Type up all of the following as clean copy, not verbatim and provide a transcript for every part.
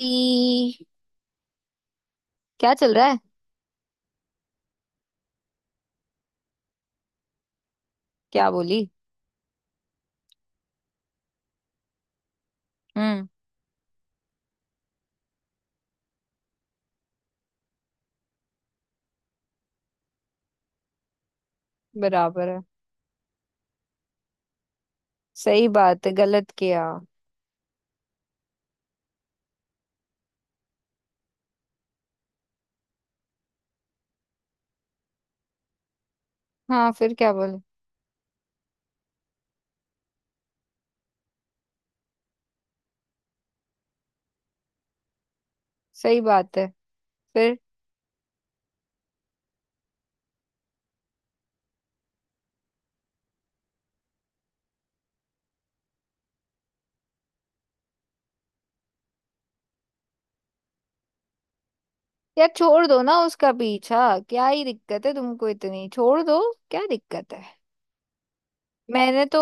ई, क्या चल रहा है। क्या बोली? हम्म। बराबर है। सही बात है, गलत किया। हाँ, फिर क्या बोले? सही बात है। फिर? यार, छोड़ दो ना उसका पीछा। क्या ही दिक्कत है तुमको इतनी, छोड़ दो। क्या दिक्कत है? मैंने तो।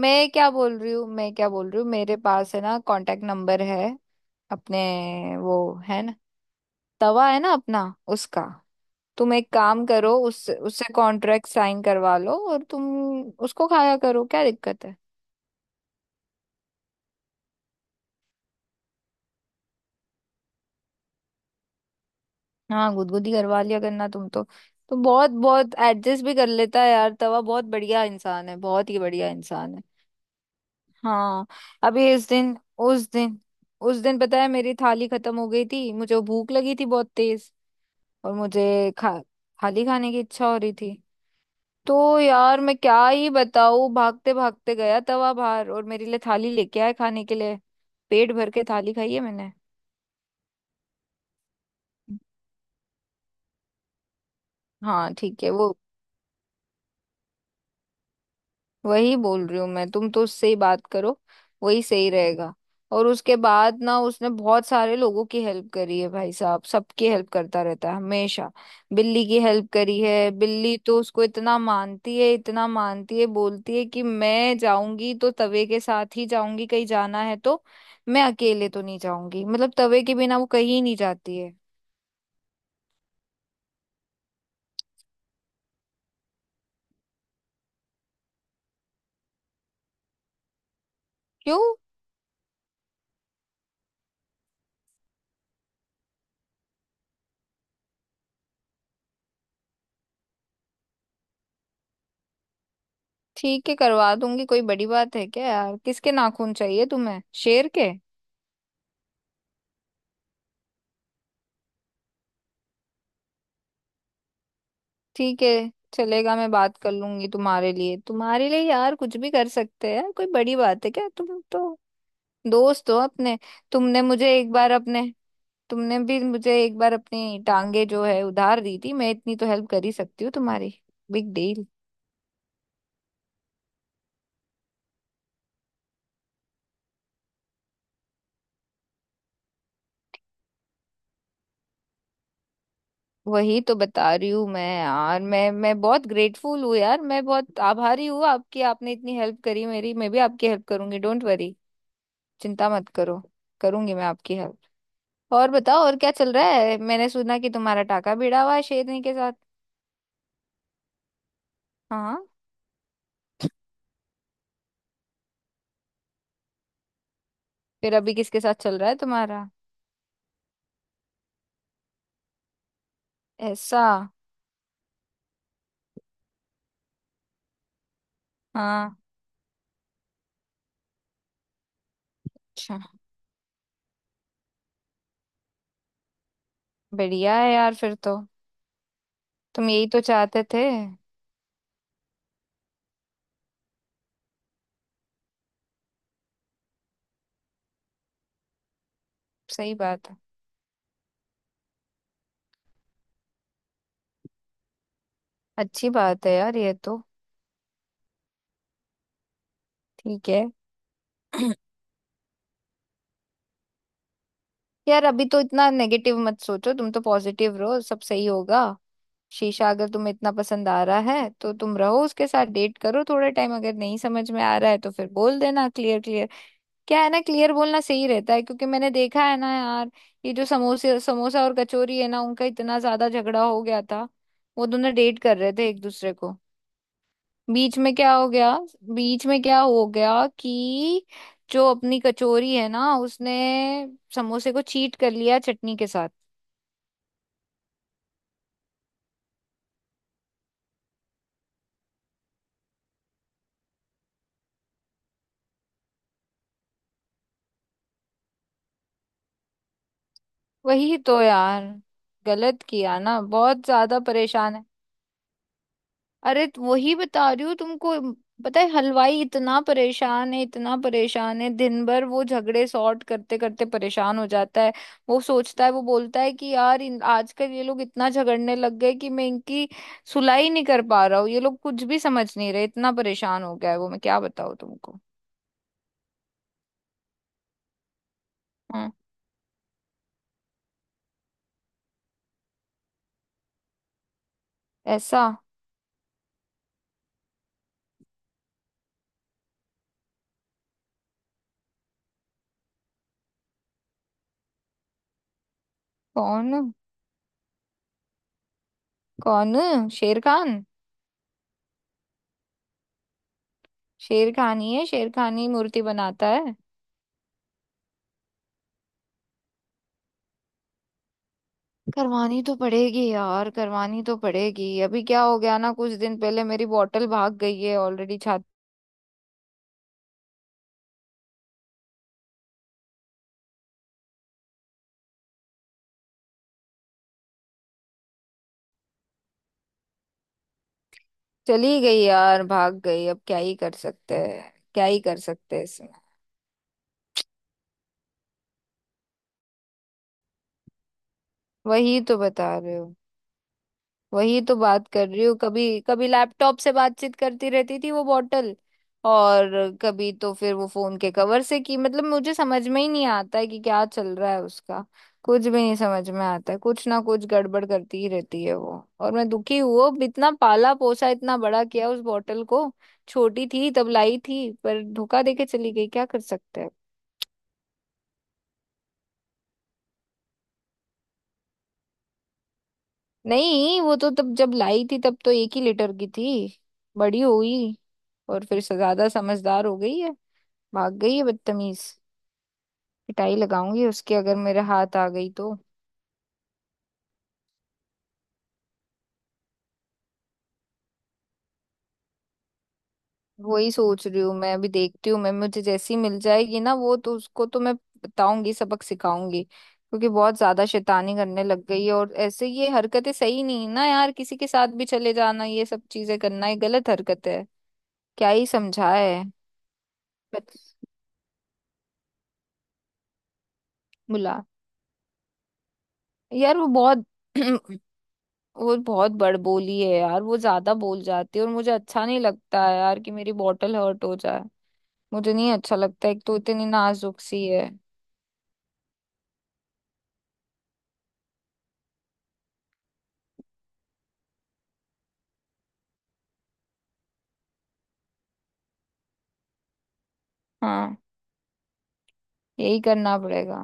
मैं क्या बोल रही हूँ, मैं क्या बोल रही हूँ, मेरे पास है ना कांटेक्ट नंबर है। अपने। वो है ना। तवा है ना अपना। उसका। तुम एक काम करो, उस उससे कॉन्ट्रैक्ट साइन करवा लो और तुम उसको खाया करो, क्या दिक्कत है। हाँ, गुदगुदी करवा लिया करना तुम तो। तो बहुत बहुत एडजस्ट भी कर लेता है यार, तवा बहुत बढ़िया इंसान है, बहुत ही बढ़िया इंसान है। हाँ। अभी उस दिन उस दिन पता है, मेरी थाली खत्म हो गई थी, मुझे भूख लगी थी बहुत तेज। और मुझे खा थाली खाने की इच्छा हो रही थी। तो यार, मैं क्या ही बताऊँ, भागते भागते गया तवा बाहर और मेरे लिए थाली लेके आए खाने के लिए। पेट भर के थाली खाई है मैंने। हाँ ठीक है, वो। वही बोल रही हूँ मैं, तुम तो उससे ही बात करो। वही सही रहेगा। और उसके बाद ना, उसने बहुत सारे लोगों की हेल्प करी है भाई साहब, सबकी हेल्प करता रहता है हमेशा। बिल्ली की हेल्प करी है, बिल्ली तो उसको इतना मानती है, इतना मानती है, बोलती है कि मैं जाऊंगी तो तवे के साथ ही जाऊंगी, कहीं जाना है तो। मैं अकेले तो नहीं जाऊंगी, मतलब तवे के बिना वो कहीं नहीं जाती है। क्यों? ठीक है, करवा दूंगी, कोई बड़ी बात है क्या यार, किसके नाखून चाहिए तुम्हें, शेर के? ठीक है। चलेगा, मैं बात कर लूंगी तुम्हारे लिए, तुम्हारे लिए यार कुछ भी कर सकते हैं यार, कोई बड़ी बात है क्या, तुम तो दोस्त हो अपने। तुमने मुझे एक बार अपने। तुमने भी मुझे एक बार अपनी टांगे जो है उधार दी थी, मैं इतनी तो हेल्प कर ही सकती हूँ तुम्हारी। Big deal. वही तो बता रही हूँ मैं यार, मैं बहुत ग्रेटफुल हूँ यार, मैं बहुत आभारी हूँ आपकी, आपने इतनी हेल्प करी मेरी, मैं भी आपकी हेल्प करूंगी, डोंट वरी। चिंता मत करो। करूंगी मैं आपकी हेल्प। और बताओ, और क्या चल रहा है, मैंने सुना कि तुम्हारा टाका भिड़ा हुआ है शेरनी के साथ। हाँ। फिर अभी किसके साथ चल रहा है तुम्हारा? ऐसा? हाँ। अच्छा। बढ़िया है यार फिर तो। तुम यही तो चाहते थे। सही बात है। अच्छी बात है यार, ये तो। ठीक है। यार, अभी तो इतना नेगेटिव मत सोचो, तुम तो पॉजिटिव रहो, सब सही होगा। शीशा अगर तुम्हें इतना पसंद आ रहा है तो तुम रहो उसके साथ, डेट करो थोड़े टाइम, अगर नहीं समझ में आ रहा है तो फिर बोल देना क्लियर क्लियर। क्या है ना, क्लियर बोलना सही रहता है, क्योंकि मैंने देखा है ना यार, ये जो समोसे समोसा और कचौरी है ना, उनका इतना ज्यादा झगड़ा हो गया था। वो दोनों डेट कर रहे थे एक दूसरे को। बीच में क्या हो गया? बीच में क्या हो गया कि जो अपनी कचौरी है ना, उसने समोसे को चीट कर लिया चटनी के साथ। वही तो यार, गलत किया ना, बहुत ज्यादा परेशान है। अरे तो वही बता रही हूँ तुमको पता है, हलवाई इतना परेशान है, इतना परेशान है, दिन भर वो झगड़े सॉर्ट करते करते परेशान हो जाता है। वो सोचता है, वो बोलता है कि यार, इन आजकल ये लोग इतना झगड़ने लग गए कि मैं इनकी सुलाई नहीं कर पा रहा हूँ, ये लोग कुछ भी समझ नहीं रहे, इतना परेशान हो गया है वो, मैं क्या बताऊँ तुमको। हाँ। ऐसा? कौन? कौन? शेर खान? शेर खान ही है, शेर खान ही मूर्ति बनाता है। करवानी तो पड़ेगी यार, करवानी तो पड़ेगी, अभी क्या हो गया ना, कुछ दिन पहले मेरी बॉटल भाग गई है ऑलरेडी, छात। चली गई यार, भाग गई, अब क्या ही कर सकते हैं, क्या ही कर सकते हैं इसमें। वही तो बता रहे हो। वही तो बात कर रही हूँ, कभी कभी लैपटॉप से बातचीत करती रहती थी वो बॉटल। और कभी तो फिर वो फोन के कवर से की, मतलब मुझे समझ में ही नहीं आता है कि क्या चल रहा है उसका। कुछ भी नहीं समझ में आता है, कुछ ना कुछ गड़बड़ करती ही रहती है वो। और मैं दुखी हुआ, अब इतना पाला पोसा, इतना बड़ा किया उस बॉटल को। छोटी थी तब लाई थी, पर धोखा देके चली गई, क्या कर सकते हैं। नहीं, वो तो तब जब लाई थी तब तो एक ही लीटर की थी। बड़ी हुई। और फिर ज्यादा समझदार हो गई है। भाग गई है बदतमीज। पिटाई लगाऊंगी उसके, अगर मेरे हाथ आ गई तो। वही सोच रही हूँ मैं, अभी देखती हूँ मैं, मुझे जैसी मिल जाएगी ना, वो तो उसको तो मैं बताऊंगी, सबक सिखाऊंगी, क्योंकि बहुत ज्यादा शैतानी करने लग गई है, और ऐसे ये हरकतें सही नहीं है ना यार, किसी के साथ भी चले जाना, ये सब चीजें करना, ये गलत हरकत है। क्या ही समझाए। बस। बुला। यार वो बहुत वो बहुत बड़बोली है यार, वो ज्यादा बोल जाती है और मुझे अच्छा नहीं लगता है यार कि मेरी बॉटल हर्ट हो जाए। मुझे नहीं अच्छा लगता, एक तो इतनी नाजुक सी है। हाँ। यही करना पड़ेगा।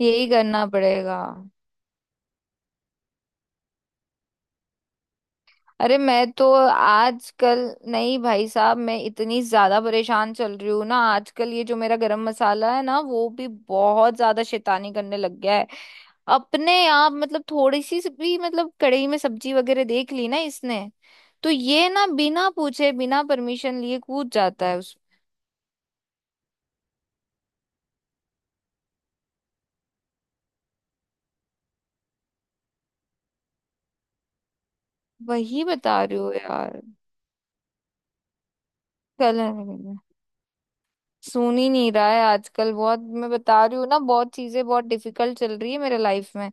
यही करना पड़ेगा। अरे, मैं तो आजकल। नहीं भाई साहब, मैं इतनी ज्यादा परेशान चल रही हूँ ना आजकल, ये जो मेरा गरम मसाला है ना, वो भी बहुत ज्यादा शैतानी करने लग गया है। अपने आप, मतलब थोड़ी सी भी, मतलब कढ़ाई में सब्जी वगैरह देख ली ना इसने, तो ये ना बिना पूछे बिना परमिशन लिए कूद जाता है उस। वही बता रही हो यार। कलर। सुन ही नहीं रहा है आजकल बहुत, मैं बता रही हूँ ना, बहुत चीजें बहुत डिफिकल्ट चल रही है मेरे लाइफ में।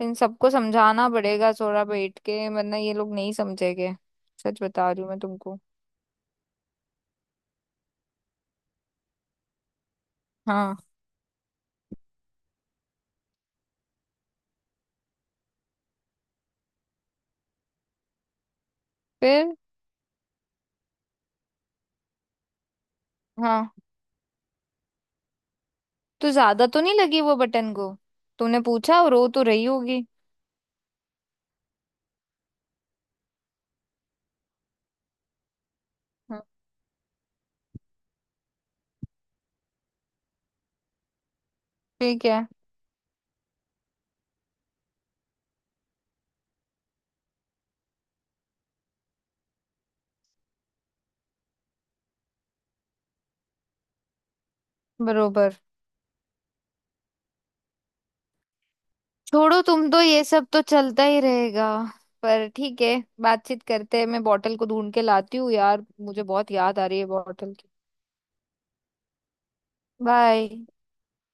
इन सबको समझाना पड़ेगा थोड़ा बैठ के, वरना ये लोग नहीं समझेंगे। सच बता रही हूँ मैं तुमको। हाँ। फिर? हाँ। तो ज्यादा तो नहीं लगी वो बटन को? तूने पूछा, और रो तो रही होगी। हम्म। ठीक है। बरोबर। छोड़ो, तुम तो ये सब तो चलता ही रहेगा। पर ठीक है। बातचीत करते हैं, मैं बॉटल को ढूंढ के लाती हूँ यार, मुझे बहुत याद आ रही है बॉटल की। बाय।